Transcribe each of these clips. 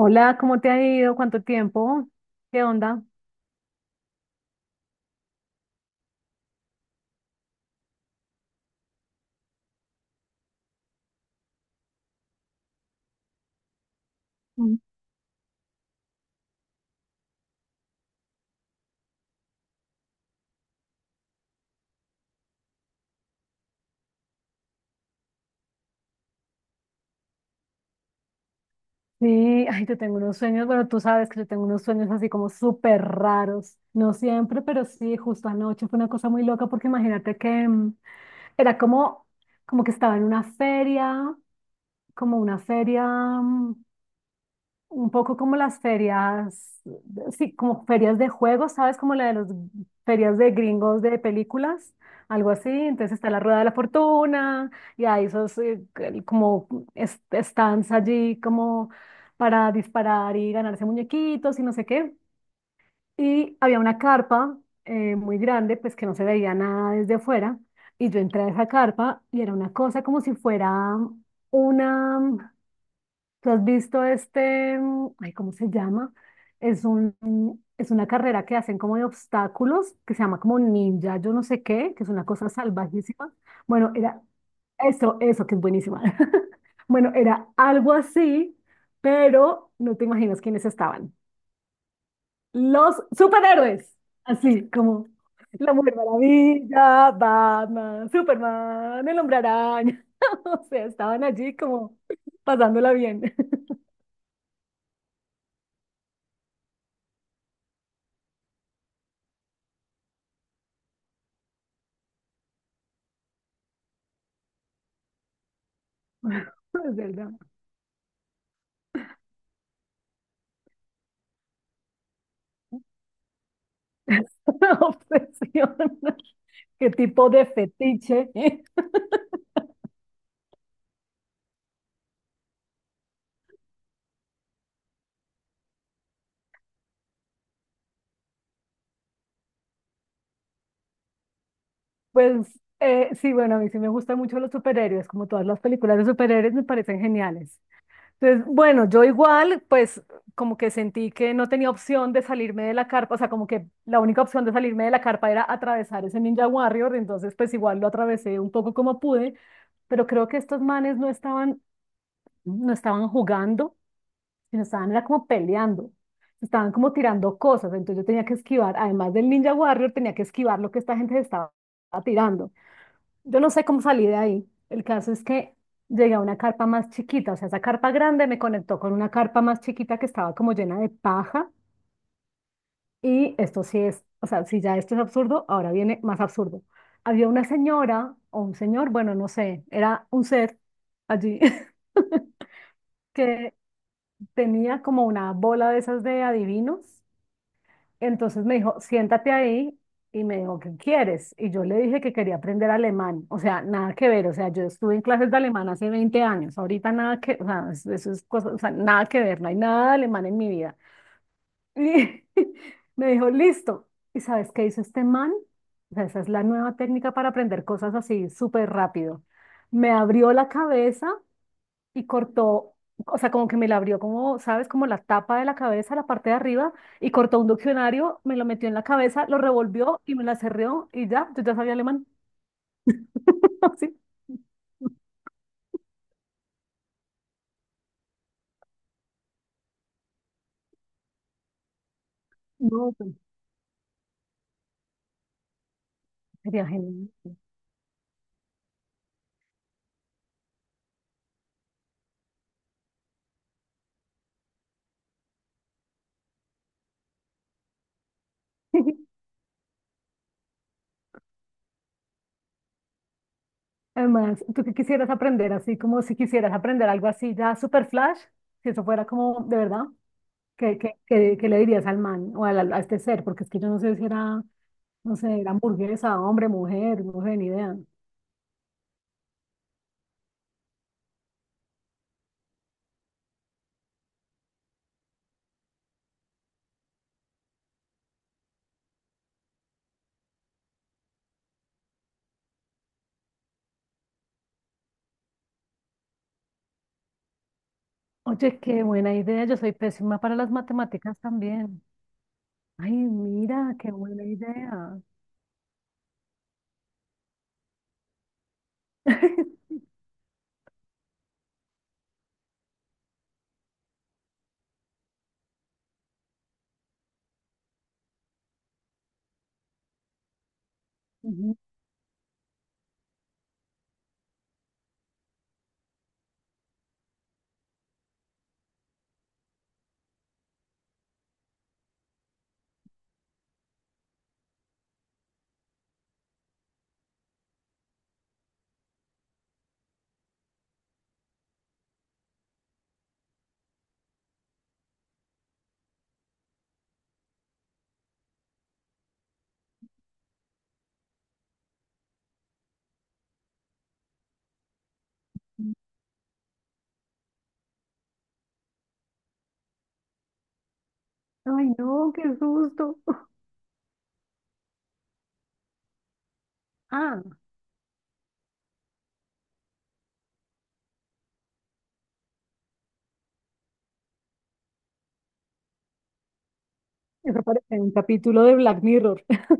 Hola, ¿cómo te ha ido? ¿Cuánto tiempo? ¿Qué onda? Mm. Sí, ay, yo tengo unos sueños, bueno, tú sabes que yo tengo unos sueños así como súper raros, no siempre, pero sí, justo anoche fue una cosa muy loca porque imagínate que era como, como que estaba en una feria, como una feria. Mm, Un poco como las ferias, sí, como ferias de juegos, ¿sabes? Como la de las ferias de gringos de películas, algo así. Entonces está la Rueda de la Fortuna y hay esos como stands allí como para disparar y ganarse muñequitos y no sé qué. Y había una carpa muy grande, pues que no se veía nada desde afuera. Y yo entré a esa carpa y era una cosa como si fuera una. ¿Tú has visto este, ay, cómo se llama? Es un, mm, es una carrera que hacen como de obstáculos, que se llama como ninja, yo no sé qué, que es una cosa salvajísima. Bueno, era eso, eso que es buenísima. Bueno, era algo así, pero no te imaginas quiénes estaban. Los superhéroes, así como la Mujer Maravilla, Batman, Superman, el Hombre Araña. O sea, estaban allí como pasándola bien. Es verdad. Obsesión, qué tipo de fetiche. Pues sí, bueno, a mí sí me gustan mucho los superhéroes, como todas las películas de superhéroes me parecen geniales. Entonces, bueno, yo igual, pues como que sentí que no tenía opción de salirme de la carpa, o sea, como que la única opción de salirme de la carpa era atravesar ese Ninja Warrior, entonces pues igual lo atravesé un poco como pude, pero creo que estos manes no estaban jugando y nos estaban era como peleando, se estaban como tirando cosas, entonces yo tenía que esquivar, además del Ninja Warrior, tenía que esquivar lo que esta gente se estaba tirando. Yo no sé cómo salí de ahí. El caso es que llegué a una carpa más chiquita, o sea, esa carpa grande me conectó con una carpa más chiquita que estaba como llena de paja y esto sí es, o sea, si ya esto es absurdo, ahora viene más absurdo. Había una señora o un señor, bueno, no sé, era un ser allí que tenía como una bola de esas de adivinos. Entonces me dijo, siéntate ahí y me dijo, ¿qué quieres? Y yo le dije que quería aprender alemán, o sea, nada que ver, o sea, yo estuve en clases de alemán hace 20 años, ahorita nada que, o sea, eso es cosa, o sea, nada que ver, no hay nada de alemán en mi vida. Y me dijo, listo. ¿Y sabes qué hizo este man? O sea, esa es la nueva técnica para aprender cosas así súper rápido. Me abrió la cabeza y cortó, o sea, como que me la abrió como, ¿sabes? Como la tapa de la cabeza, la parte de arriba, y cortó un diccionario, me lo metió en la cabeza, lo revolvió y me la cerró y ya, yo ya sabía alemán. Sí, no, pues, sería genial. Además, ¿tú qué quisieras aprender? Así como si quisieras aprender algo así ya super flash, si eso fuera como de verdad, ¿qué le dirías al man o a este ser? Porque es que yo no sé si era, no sé, era hamburguesa, hombre, mujer, no sé, ni idea. Oye, qué buena idea. Yo soy pésima para las matemáticas también. Ay, mira, qué buena idea. Ujú. Ay, no, qué susto. Ah, eso parece un capítulo de Black Mirror.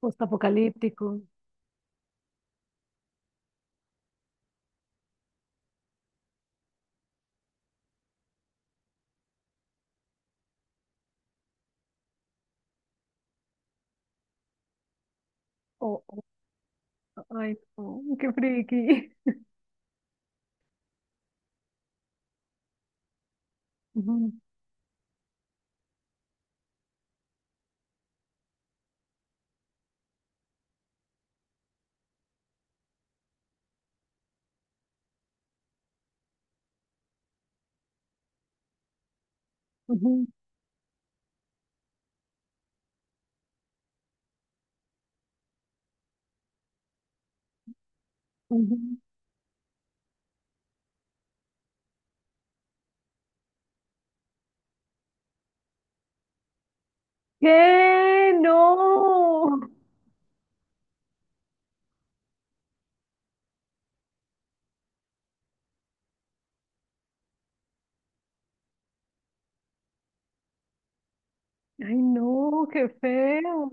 Postapocalíptico. Oh, oh, ay, no, qué friki. Ujú, ujú, ujú. ¿Qué? No. Ay, no, qué feo.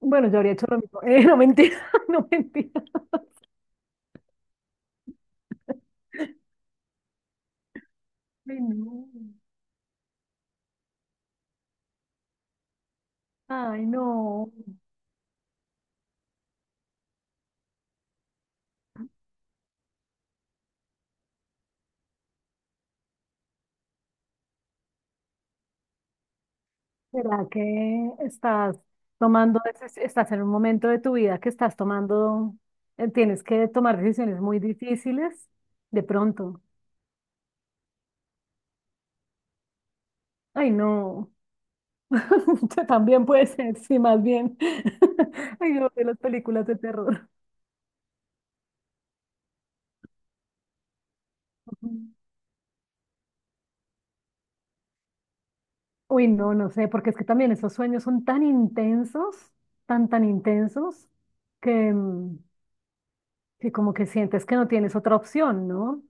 Bueno, yo habría hecho lo mismo. No mentira, no mentira. Ay, no. Ay, no. ¿Será que estás tomando, estás en un momento de tu vida que estás tomando, tienes que tomar decisiones muy difíciles de pronto? Ay, no, también puede ser, sí, más bien. Ay, yo de las películas de terror. Ujú. Uy, no, no sé, porque es que también esos sueños son tan intensos, tan, tan intensos, que, que como que sientes que no tienes otra opción, ¿no?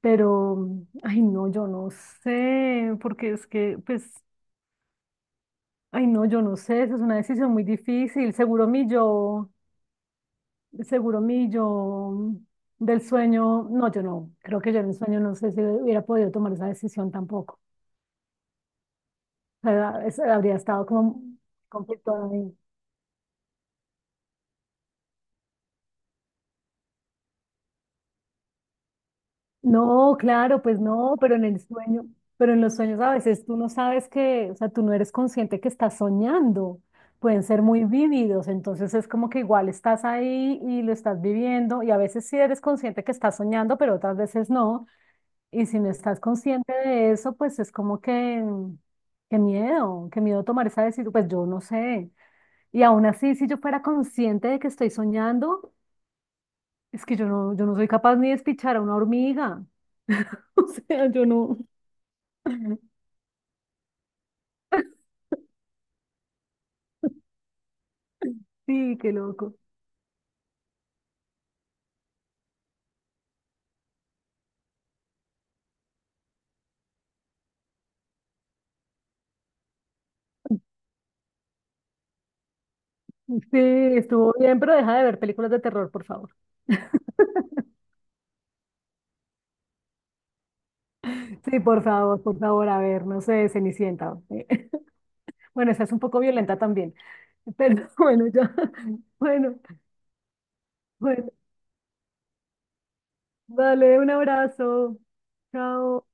Pero, ay, no, yo no sé, porque es que, pues, ay, no, yo no sé, esa es una decisión muy difícil. Seguro mi yo del sueño, no, yo no, creo que yo en el sueño no sé si hubiera podido tomar esa decisión tampoco. O sea, habría estado como conflicto. No, claro, pues no, pero en el sueño, pero en los sueños a veces tú no sabes que, o sea, tú no eres consciente que estás soñando, pueden ser muy vívidos, entonces es como que igual estás ahí y lo estás viviendo y a veces sí eres consciente que estás soñando, pero otras veces no, y si no estás consciente de eso, pues es como que, qué miedo tomar esa decisión, pues yo no sé, y aún así, si yo fuera consciente de que estoy soñando, es que yo no, yo no soy capaz ni de despichar a una hormiga. O sea, yo no. Sí, qué loco. Sí, estuvo bien, pero deja de ver películas de terror, por favor. Sí, por favor, a ver, no sé, Cenicienta, eh. Bueno, esa es un poco violenta también, pero bueno, ya. Bueno, bueno, dale un abrazo. Chao.